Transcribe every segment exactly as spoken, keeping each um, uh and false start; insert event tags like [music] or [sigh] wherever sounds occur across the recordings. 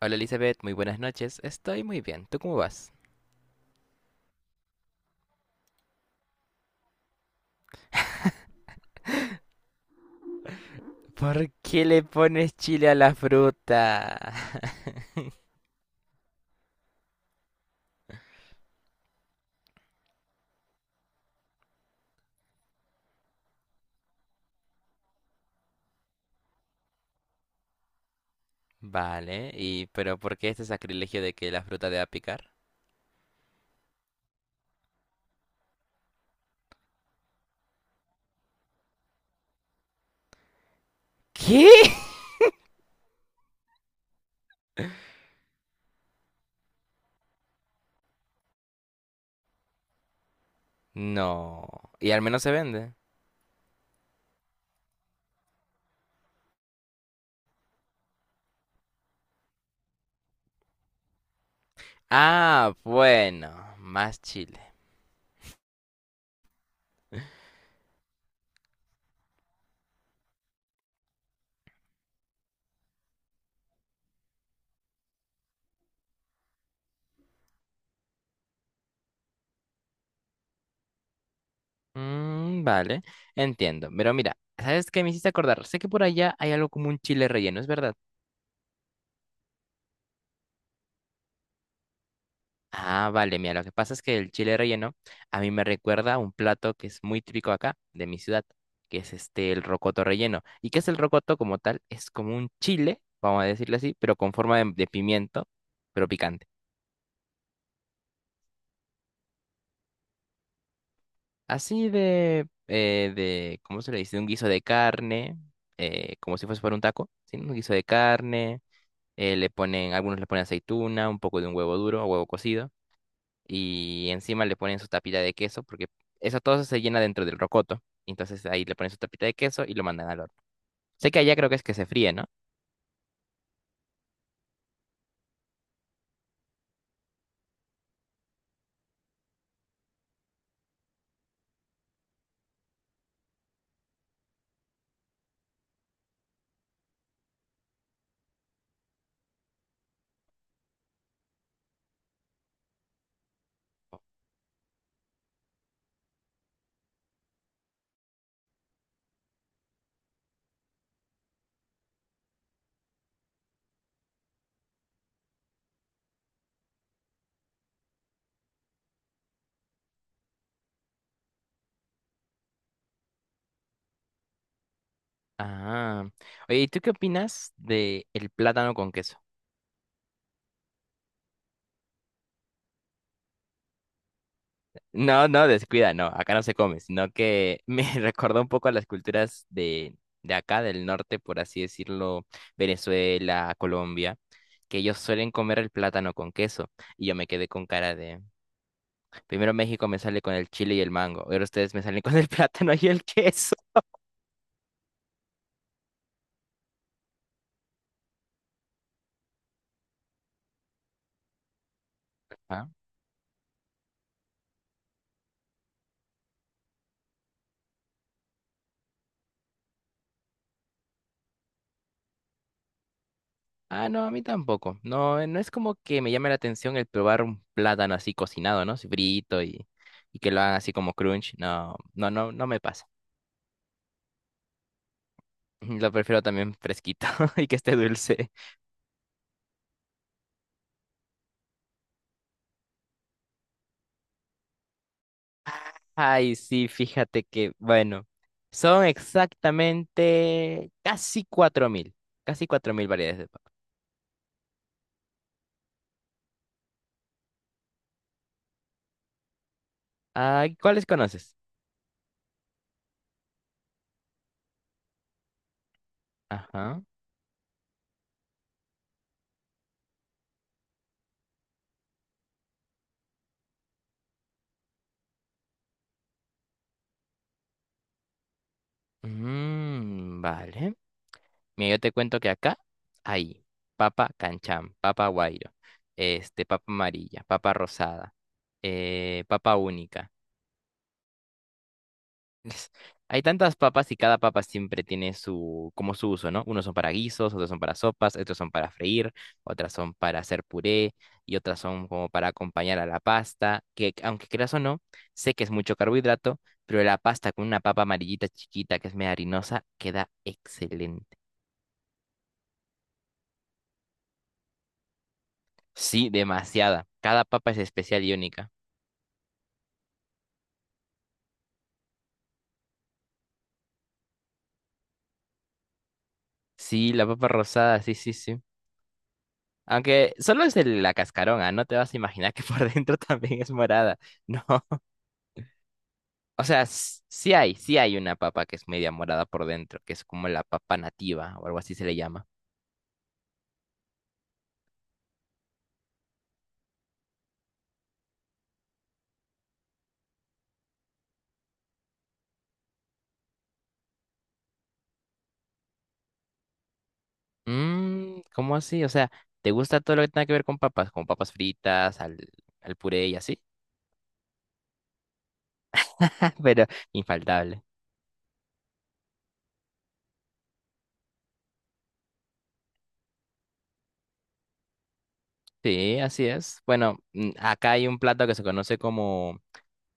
Hola Elizabeth, muy buenas noches. Estoy muy bien. ¿Tú cómo vas? ¿Por qué le pones chile a la fruta? [laughs] Vale, y pero ¿por qué este sacrilegio de que la fruta deba picar? ¿Qué? No. Y al menos se vende. Ah, bueno, más chile. Mm, vale, entiendo. Pero mira, ¿sabes qué me hiciste acordar? Sé que por allá hay algo como un chile relleno, ¿es verdad? Ah, vale, mira, lo que pasa es que el chile relleno a mí me recuerda a un plato que es muy típico acá, de mi ciudad, que es este, el rocoto relleno. ¿Y qué es el rocoto como tal? Es como un chile, vamos a decirlo así, pero con forma de, de pimiento, pero picante. Así de, eh, de, ¿cómo se le dice? Un guiso de carne, eh, como si fuese para un taco, ¿sí? Un guiso de carne, eh, le ponen, algunos le ponen aceituna, un poco de un huevo duro o huevo cocido. Y encima le ponen su tapita de queso, porque eso todo eso se llena dentro del rocoto. Entonces ahí le ponen su tapita de queso y lo mandan al horno. Sé que allá creo que es que se fríe, ¿no? Ah. Oye, ¿y tú qué opinas de el plátano con queso? No, no, descuida, no, acá no se come, sino que me [laughs] recordó un poco a las culturas de, de acá, del norte, por así decirlo, Venezuela, Colombia, que ellos suelen comer el plátano con queso. Y yo me quedé con cara de... Primero México me sale con el chile y el mango. Ahora ustedes me salen con el [laughs] plátano y el queso. Ah. Ah, no, a mí tampoco. No, eh, no es como que me llame la atención el probar un plátano así cocinado, ¿no? Así frito y, y que lo hagan así como crunch. No, no, no, no me pasa. [laughs] Lo prefiero también fresquito [laughs] y que esté dulce. Ay, sí, fíjate que, bueno, son exactamente casi cuatro mil, casi cuatro mil variedades de papa. Ah, ¿cuáles conoces? Ajá. Mm, vale. Mira, yo te cuento que acá hay papa canchán, papa guairo, este, papa amarilla, papa rosada, eh, papa única. [laughs] Hay tantas papas y cada papa siempre tiene su, como su uso, ¿no? Unos son para guisos, otros son para sopas, otros son para freír, otras son para hacer puré y otras son como para acompañar a la pasta, que aunque creas o no, sé que es mucho carbohidrato, pero la pasta con una papa amarillita chiquita que es media harinosa queda excelente. Sí, demasiada. Cada papa es especial y única. Sí, la papa rosada, sí, sí, sí. Aunque solo es el- la cascarona, no te vas a imaginar que por [laughs] dentro también es morada. No, o sea, s- sí hay, sí hay una papa que es media morada por dentro, que es como la papa nativa o algo así se le llama. Mmm, ¿cómo así? O sea, ¿te gusta todo lo que tenga que ver con papas? Como papas fritas, al, al puré y así. [laughs] Pero infaltable. Sí, así es. Bueno, mm, acá hay un plato que se conoce como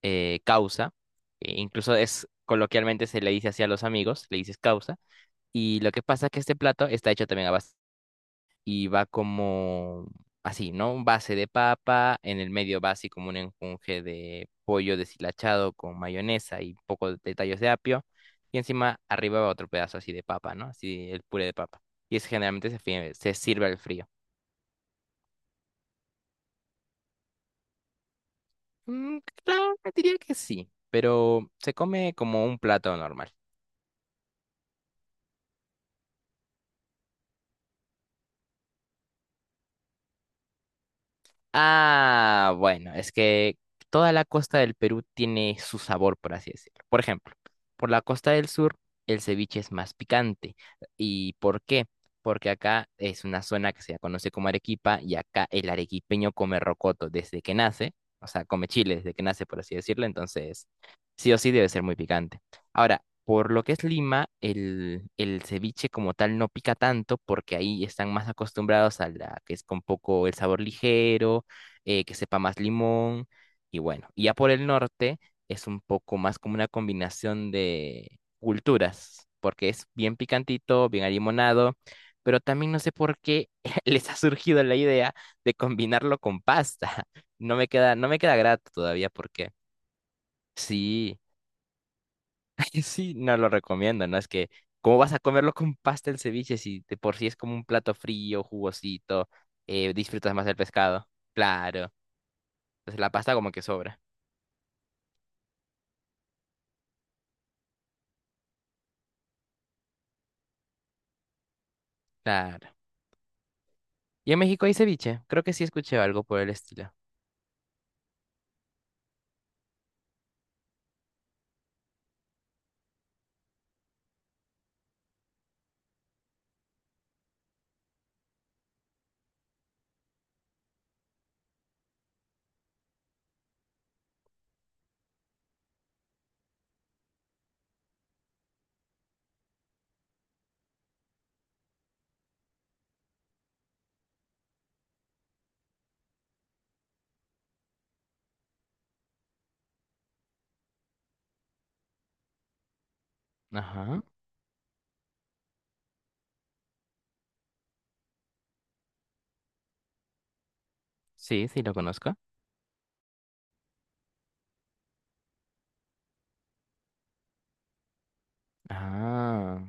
eh, causa, e incluso es coloquialmente se le dice así a los amigos, le dices causa, y lo que pasa es que este plato está hecho también a base, y va como así, ¿no? Base de papa, en el medio va así como un enjunje de pollo deshilachado con mayonesa y un poco de tallos de apio, y encima arriba va otro pedazo así de papa, ¿no? Así el puré de papa. Y es generalmente se, fie- se sirve al frío. Mm, claro, diría que sí, pero se come como un plato normal. Ah, bueno, es que toda la costa del Perú tiene su sabor, por así decirlo. Por ejemplo, por la costa del sur, el ceviche es más picante. ¿Y por qué? Porque acá es una zona que se conoce como Arequipa y acá el arequipeño come rocoto desde que nace, o sea, come chile desde que nace, por así decirlo, entonces sí o sí debe ser muy picante. Ahora, por lo que es Lima, el, el ceviche como tal no pica tanto porque ahí están más acostumbrados a la que es con poco el sabor ligero eh, que sepa más limón y bueno, y ya por el norte es un poco más como una combinación de culturas, porque es bien picantito, bien alimonado, pero también no sé por qué [laughs] les ha surgido la idea de combinarlo con pasta. [laughs] No me queda, no me queda grato todavía porque sí, [laughs] sí, no lo recomiendo, ¿no? Es que ¿cómo vas a comerlo con pasta el ceviche si de por sí es como un plato frío, jugosito, eh, disfrutas más del pescado? Claro, entonces la pasta como que sobra. Claro. ¿Y en México hay ceviche? Creo que sí escuché algo por el estilo. Ajá. Sí, sí, lo conozco. Ah.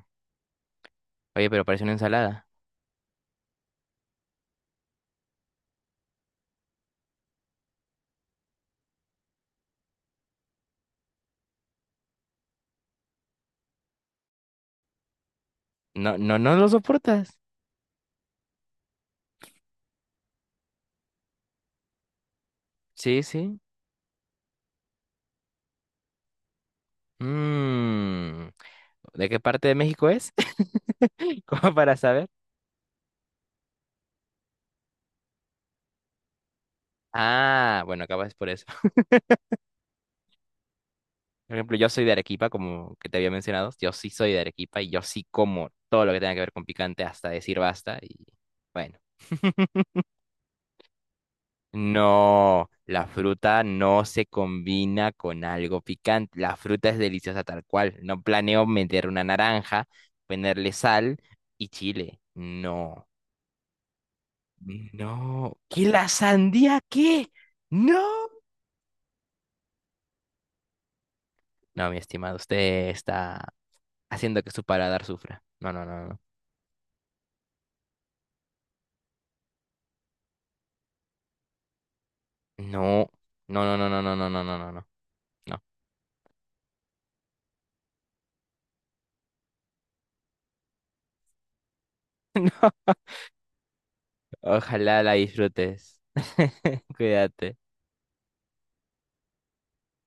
Oye, pero parece una ensalada. No, no, no lo soportas. Sí, sí. Mmm. ¿De qué parte de México es? [laughs] Como para saber. Ah, bueno, acabas por eso. [laughs] Por ejemplo, yo soy de Arequipa, como que te había mencionado. Yo sí soy de Arequipa y yo sí como todo lo que tenga que ver con picante hasta decir basta y bueno. [laughs] No, la fruta no se combina con algo picante. La fruta es deliciosa tal cual. No planeo meter una naranja, ponerle sal y chile. No, no. ¿Qué la sandía? ¿Qué? No. No, mi estimado, usted está haciendo que su paladar sufra. No, no, no, no. No, no, no, no, no, no, no, no, no, no. No. No. Ojalá la disfrutes. [laughs] Cuídate.